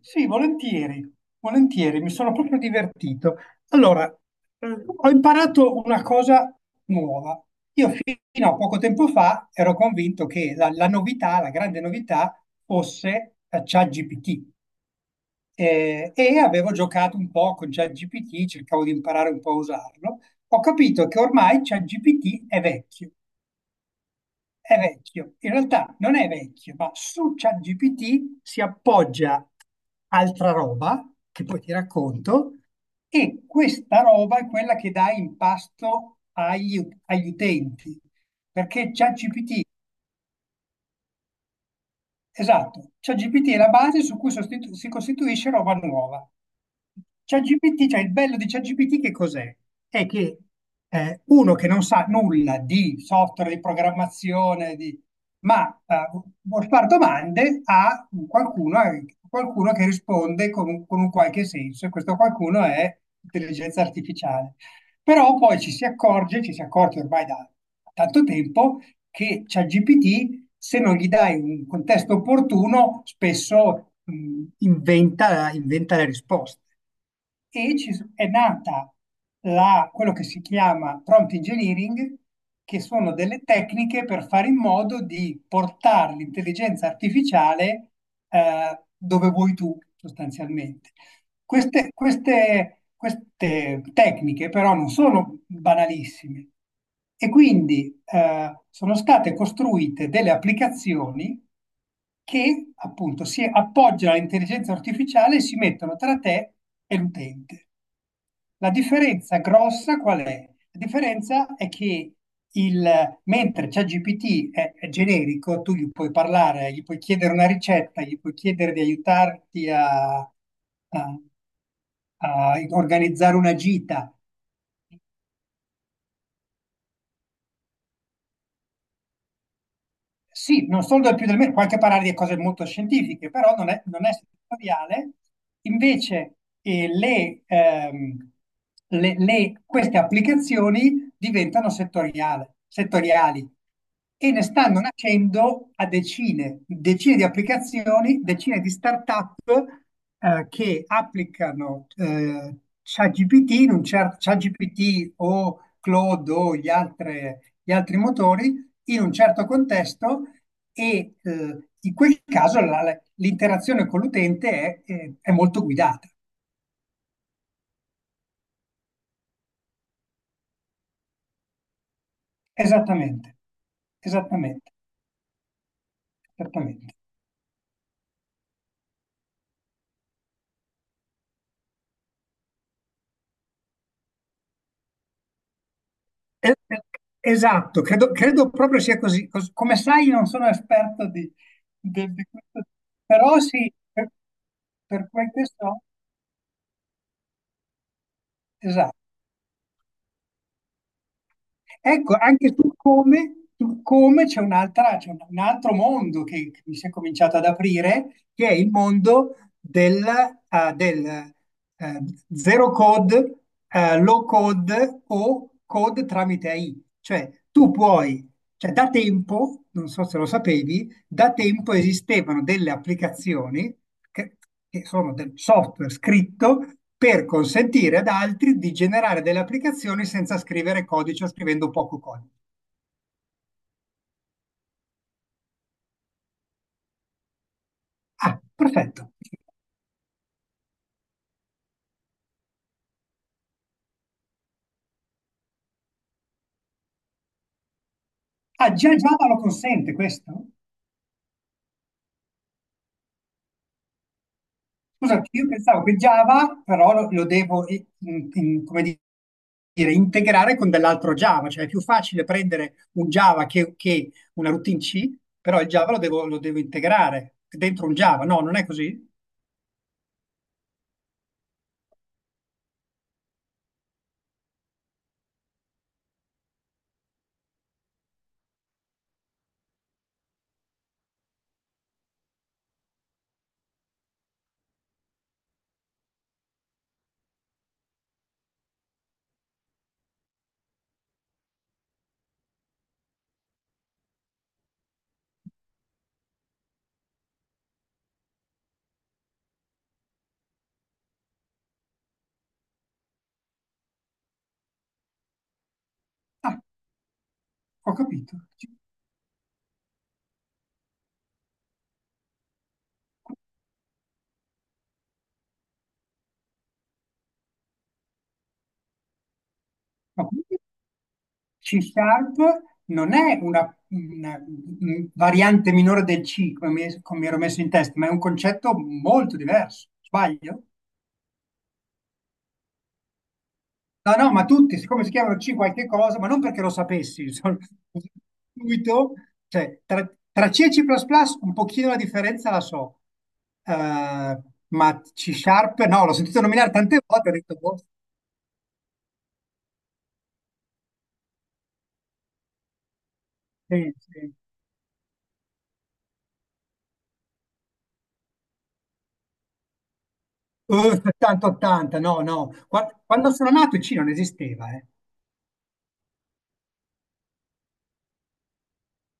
Sì, volentieri, volentieri, mi sono proprio divertito. Allora, ho imparato una cosa nuova. Io fino a poco tempo fa ero convinto che la novità, la grande novità, fosse ChatGPT. E avevo giocato un po' con ChatGPT, cercavo di imparare un po' a usarlo. Ho capito che ormai ChatGPT è vecchio, in realtà non è vecchio, ma su ChatGPT si appoggia altra roba che poi ti racconto e questa roba è quella che dà impasto agli utenti, perché ChatGPT... Esatto, ChatGPT è la base su cui si costituisce roba nuova. ChatGPT, cioè il bello di ChatGPT che cos'è? È che uno che non sa nulla di software, di programmazione, ma vuol fare domande a qualcuno che risponde con un qualche senso, e questo qualcuno è intelligenza artificiale. Però poi ci si accorge ormai da tanto tempo, che ChatGPT, se non gli dai un contesto opportuno, spesso inventa, inventa le risposte. E è nata quello che si chiama prompt engineering, che sono delle tecniche per fare in modo di portare l'intelligenza artificiale dove vuoi tu, sostanzialmente. Queste tecniche però non sono banalissime, e quindi sono state costruite delle applicazioni che appunto si appoggiano all'intelligenza artificiale e si mettono tra te e l'utente. La differenza grossa qual è? La differenza è che mentre ChatGPT è generico, tu gli puoi parlare, gli puoi chiedere una ricetta, gli puoi chiedere di aiutarti a- a organizzare una gita. Sì, non solo del più del meno, può anche parlare di cose molto scientifiche, però non è settoriale. Invece queste applicazioni diventano settoriali, e ne stanno nascendo a decine, decine di applicazioni, decine di start-up che applicano ChatGPT in un ChatGPT o Claude o gli altri motori in un certo contesto, e in quel caso l'interazione con l'utente è molto guidata. Esattamente, esattamente, esattamente. Eh, eh, Esatto, credo proprio sia così. Come sai, non sono esperto di questo, però sì, per quel che so, esatto. Ecco, anche su come c'è c'è un altro mondo che mi si è cominciato ad aprire, che è il mondo del zero code, low code o code tramite AI. Cioè, cioè da tempo, non so se lo sapevi, da tempo esistevano delle applicazioni che, che sono del software scritto per consentire ad altri di generare delle applicazioni senza scrivere codice o scrivendo poco codice. Ah, perfetto. Ah, già Java lo consente questo? Scusa, io pensavo che Java però lo devo, dire, integrare con dell'altro Java, cioè è più facile prendere un Java che una routine C, però il Java lo devo integrare dentro un Java. No, non è così? Ho capito. Ma quindi C Sharp non è variante minore del C, come mi ero messo in testa, ma è un concetto molto diverso. Sbaglio? No, no, ma tutti, siccome si chiamano C qualche cosa, ma non perché lo sapessi, sono subito, cioè, tra C e C++ un pochino la differenza la so. Eh, ma C Sharp no, l'ho sentito nominare tante volte, ho detto, boh, sì, sì. 70-80, no, no. Quando sono nato il C non esisteva, eh.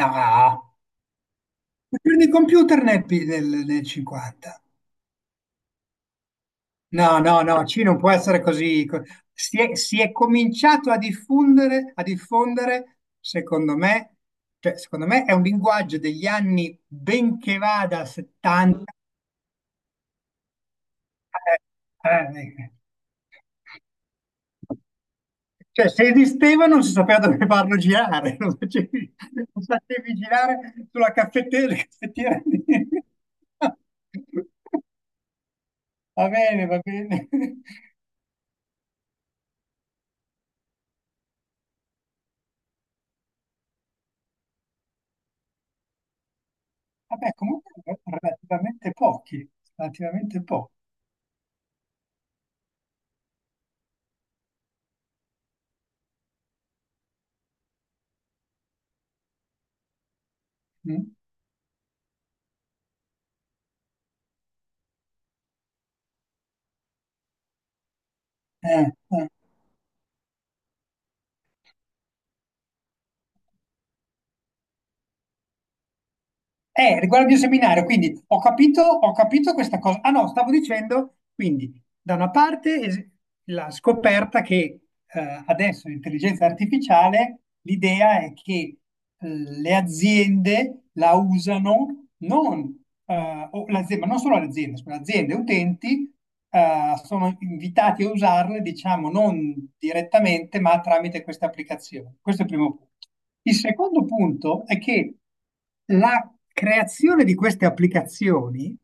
No, ma prendi il computer nel 50. No, no, no, C non può essere così. Si è cominciato a diffondere, secondo me, cioè, secondo me è un linguaggio degli anni, benché vada a 70. eh, eh, eh, Cioè, se esisteva non si sapeva dove farlo girare, lo facevi girare sulla caffettiera, la caffettiera. Va bene, va bene. Vabbè, comunque relativamente pochi, relativamente pochi. Mm. Eh, eh. Riguardo il mio seminario, quindi ho capito, questa cosa. Ah no, stavo dicendo, quindi, da una parte la scoperta che adesso l'intelligenza artificiale, l'idea è che le aziende la usano non, o l'azienda, ma non solo le aziende, scusa, aziende e utenti sono invitati a usarle, diciamo, non direttamente, ma tramite queste applicazioni. Questo è il primo punto. Il secondo punto è che la creazione di queste applicazioni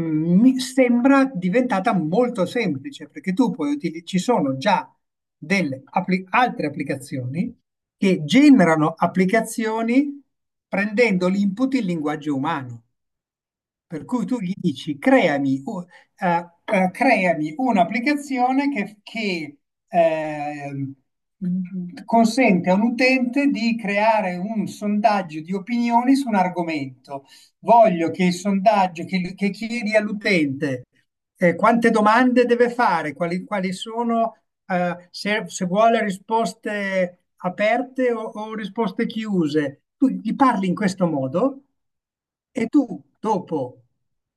mi sembra diventata molto semplice, perché tu puoi ci sono già altre applicazioni che generano applicazioni prendendo l'input in linguaggio umano. Per cui tu gli dici: creami, creami un'applicazione ehm, consente a un utente di creare un sondaggio di opinioni su un argomento. Voglio che il sondaggio che chiedi all'utente quante domande deve fare, quali sono, se vuole risposte aperte o risposte chiuse. Tu gli parli in questo modo e tu dopo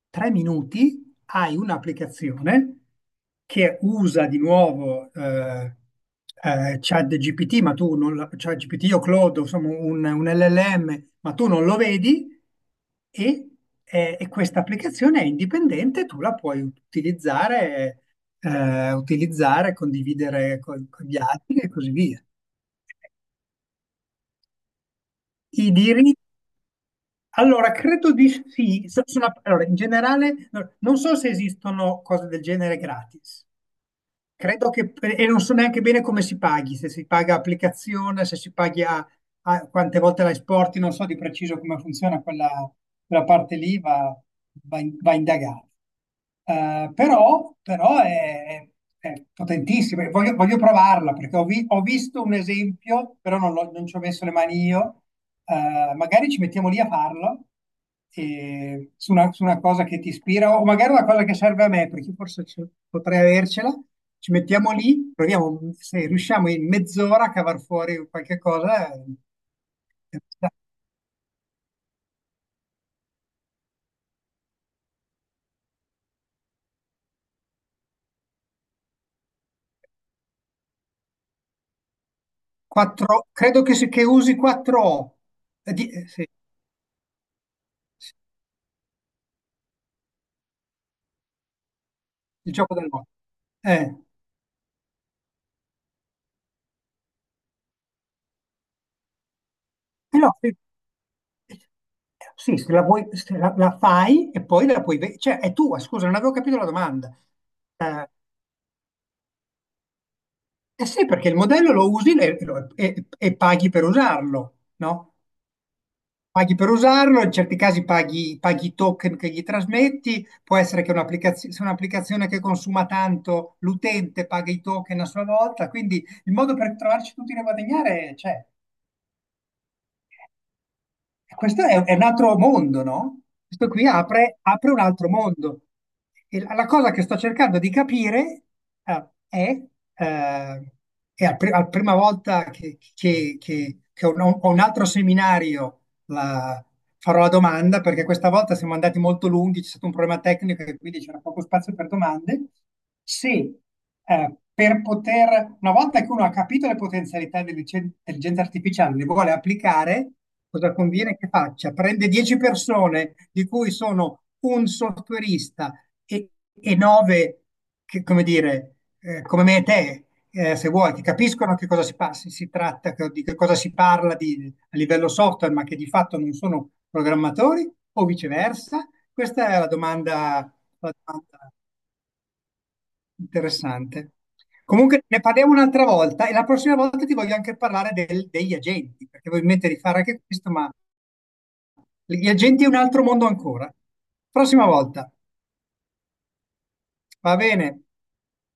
3 minuti hai un'applicazione che usa di nuovo ChatGPT, ma tu non ChatGPT o Claude, insomma un LLM, ma tu non lo vedi, e, e questa applicazione è indipendente, tu la puoi utilizzare, condividere con gli altri, e così via. I diritti. Allora, credo di sì. Allora, in generale, non so se esistono cose del genere gratis. E non so neanche bene come si paghi, se si paga applicazione, se si paghi quante volte la esporti, non so di preciso come funziona quella, parte lì, va indagato. Però è potentissima, e voglio provarla, perché ho visto un esempio, però non, non ci ho messo le mani io. Magari ci mettiamo lì a farlo su una cosa che ti ispira, o magari una cosa che serve a me, perché forse potrei avercela. Ci mettiamo lì, proviamo, se riusciamo in mezz'ora a cavar fuori qualche cosa. Da- credo che usi 4O. Sì, sì, il gioco del no. Eh, Però, sì, sì, se la fai e poi la puoi. Cioè, è tua, scusa, non avevo capito la domanda. eh, Eh sì, perché il modello lo usi e paghi per usarlo, no? Paghi per usarlo, in certi casi paghi i token che gli trasmetti, può essere che un'applicazione, se è un'applicazione che consuma tanto, l'utente paga i token a sua volta, quindi il modo per trovarci tutti a guadagnare c'è. E questo è un altro mondo, no? Questo qui apre un altro mondo. E la cosa che sto cercando di capire eh, è, eh, è la prima volta che ho un altro seminario, la- farò la domanda, perché questa volta siamo andati molto lunghi, c'è stato un problema tecnico e quindi c'era poco spazio per domande. Se per poter, una volta che uno ha capito le potenzialità dell'intelligenza artificiale, le vuole applicare, cosa conviene che faccia? Prende 10 persone, di cui sono un softwareista e, e 9, che, come dire, come me e te, se vuoi, che capiscono che cosa si tratta, di che cosa si parla, a livello software, ma che di fatto non sono programmatori, o viceversa? Questa è la domanda interessante. Comunque ne parliamo un'altra volta, e la prossima volta ti voglio anche parlare degli agenti, perché voglio mettere di fare anche questo, ma gli agenti è un altro mondo ancora. Prossima volta, va bene?